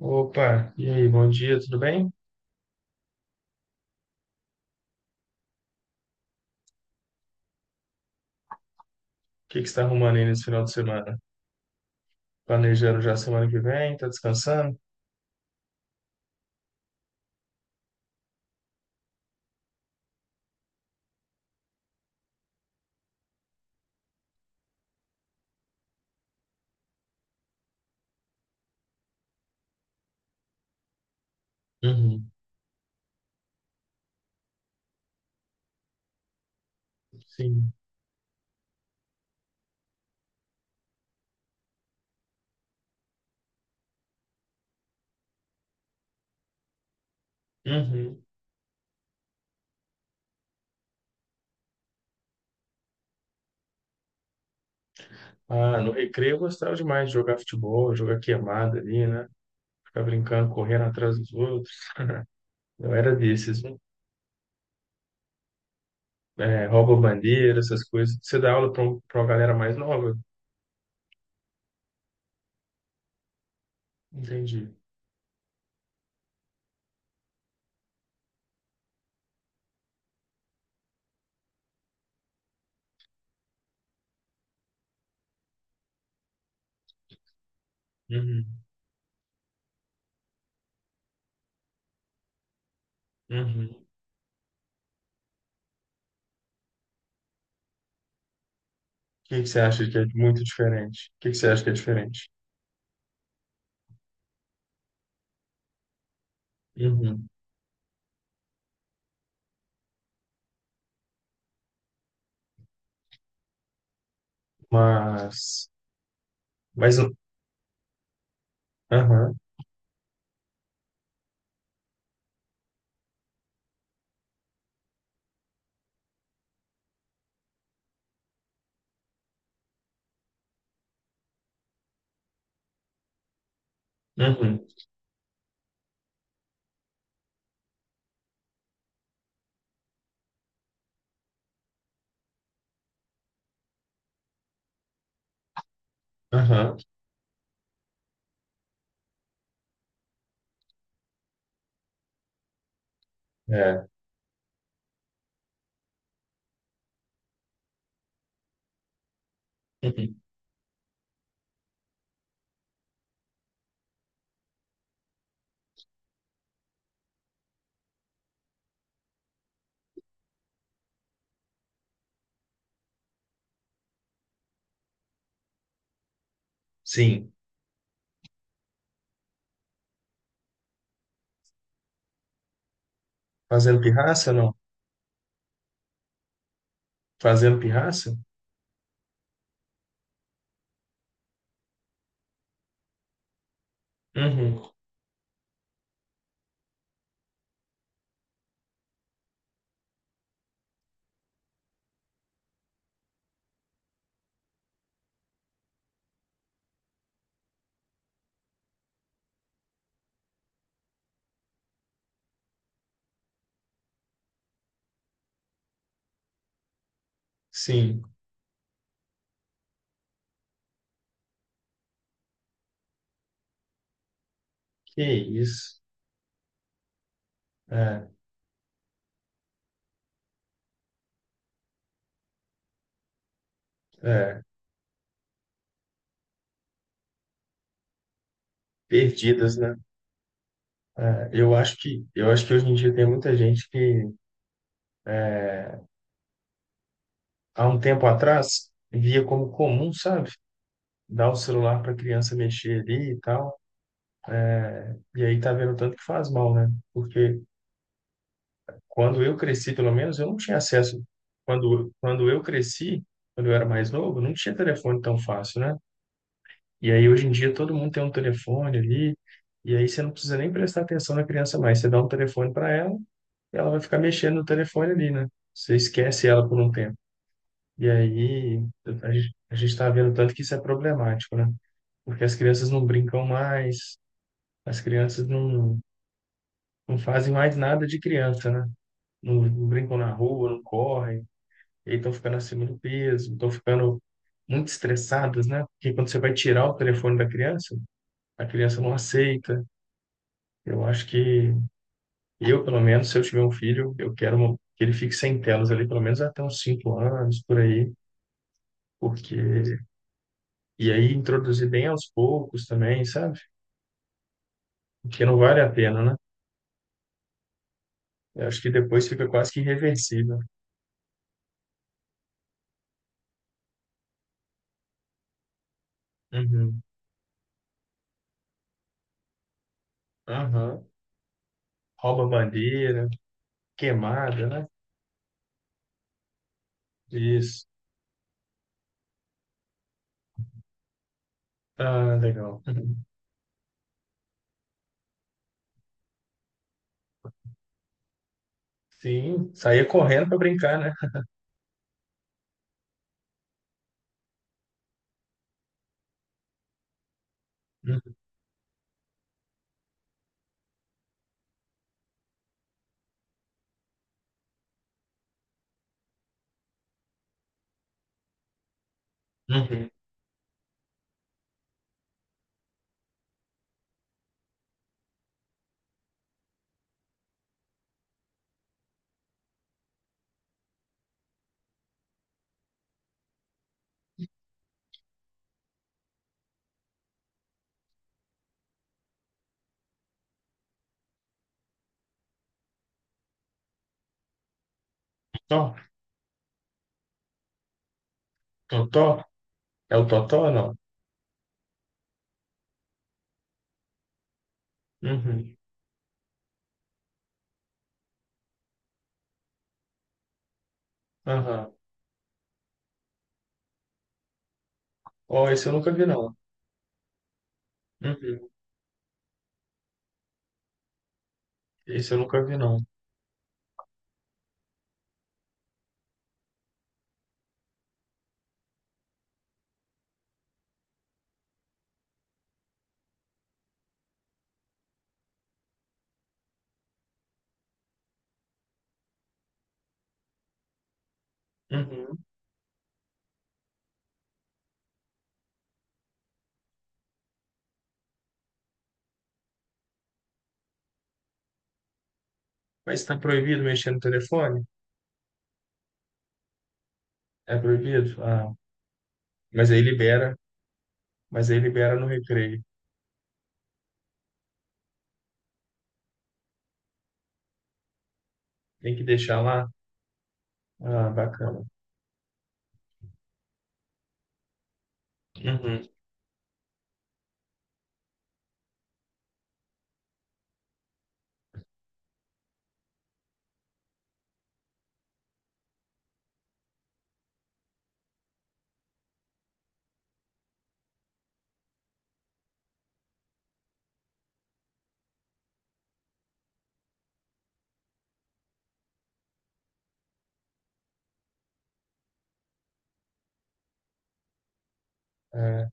Opa, e aí, bom dia, tudo bem? O que que você está arrumando aí nesse final de semana? Planejando já a semana que vem? Tá descansando? Uhum, sim. Uhum. Ah, no recreio eu gostava demais de jogar futebol, jogar queimada ali, né? Ficar brincando, correndo atrás dos outros. Eu era desses, né? É, rouba bandeira, essas coisas. Você dá aula para uma galera mais nova? Entendi. Uhum, uhum. O que que você acha que é muito diferente? O que que você acha que é diferente? Uhum. Mas, mas, aham, uhum. Aham, é. Uhum. Sim. Fazendo pirraça, não? Fazendo pirraça? Uhum. Sim. Que isso. É, é. Perdidas, né? É, eu acho que hoje em dia tem muita gente que, há um tempo atrás, via como comum, sabe? Dar o celular para a criança mexer ali e tal. E aí tá vendo o tanto que faz mal, né? Porque quando eu cresci, pelo menos, eu não tinha acesso. Quando eu cresci, quando eu era mais novo, não tinha telefone tão fácil, né? E aí, hoje em dia, todo mundo tem um telefone ali, e aí você não precisa nem prestar atenção na criança mais. Você dá um telefone para ela, e ela vai ficar mexendo no telefone ali, né? Você esquece ela por um tempo. E aí, a gente está vendo tanto que isso é problemático, né? Porque as crianças não brincam mais, as crianças não fazem mais nada de criança, né? Não brincam na rua, não correm, e aí estão ficando acima do peso, estão ficando muito estressadas, né? Porque quando você vai tirar o telefone da criança, a criança não aceita. Eu acho que eu, pelo menos, se eu tiver um filho, eu quero uma- que ele fique sem telas ali, pelo menos até uns 5 anos, por aí, porque... E aí introduzir bem aos poucos também, sabe? Porque não vale a pena, né? Eu acho que depois fica quase que irreversível. Uhum. Aham. Rouba bandeira, queimada, né? Isso. Ah, legal. Uhum. Sim, saía correndo para brincar, né? Uhum. Uhum. Tó, totó? É o totó ou não? Uhum. Aham. Ó, esse eu nunca vi, não. Uhum. Isso eu nunca vi, não. Uhum. Mas está proibido mexer no telefone? É proibido? Ah, mas aí libera, mas aí libera no recreio. Tem que deixar lá? Ah, bacana. Uhum. É,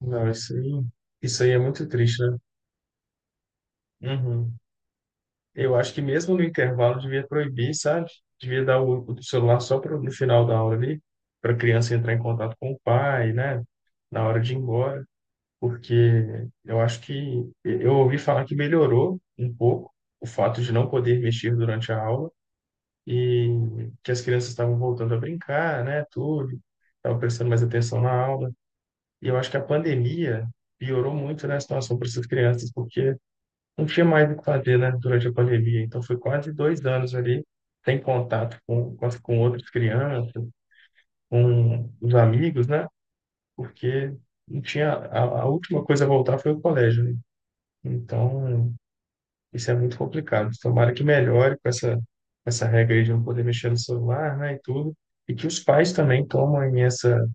não, isso aí é muito triste, né? Uhum. Eu acho que mesmo no intervalo devia proibir, sabe? Devia dar o celular só pro, no final da aula ali, para a criança entrar em contato com o pai, né? Na hora de ir embora. Porque eu acho que eu ouvi falar que melhorou um pouco o fato de não poder mexer durante a aula e que as crianças estavam voltando a brincar, né, tudo, estavam prestando mais atenção na aula. E eu acho que a pandemia piorou muito, né, a situação para essas crianças, porque não tinha mais o que fazer, né, durante a pandemia. Então foi quase 2 anos ali sem contato com outras crianças, com os amigos, né, porque não tinha a última coisa a voltar foi o colégio, né? Então, isso é muito complicado. Tomara que melhore com essa, essa regra aí de não poder mexer no celular, né, e tudo. E que os pais também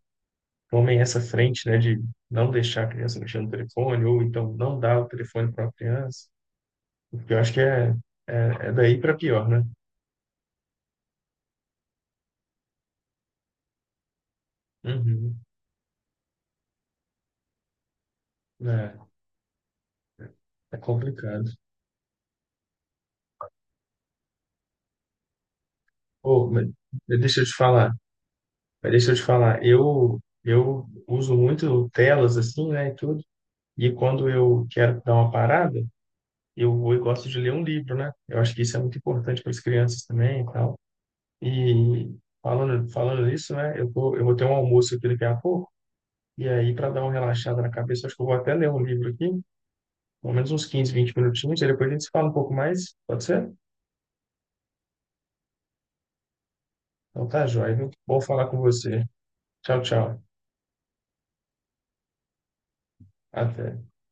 tomem essa frente, né, de não deixar a criança mexer no telefone, ou então não dar o telefone para a criança, porque eu acho é, é daí para pior, né? Uhum. É, é complicado. Ô, deixa eu te falar, mas deixa eu te falar, eu uso muito telas assim, né, e tudo, e quando eu quero dar uma parada, eu gosto de ler um livro, né? Eu acho que isso é muito importante para as crianças também e tal. E falando nisso, né? Eu tô, eu vou ter um almoço aqui daqui a pouco, e aí para dar uma relaxada na cabeça, acho que eu vou até ler um livro aqui, pelo menos uns 15 20 minutinhos, e depois a gente se fala um pouco mais, pode ser? Então tá, joia, viu? Bom falar com você. Tchau, tchau. Até.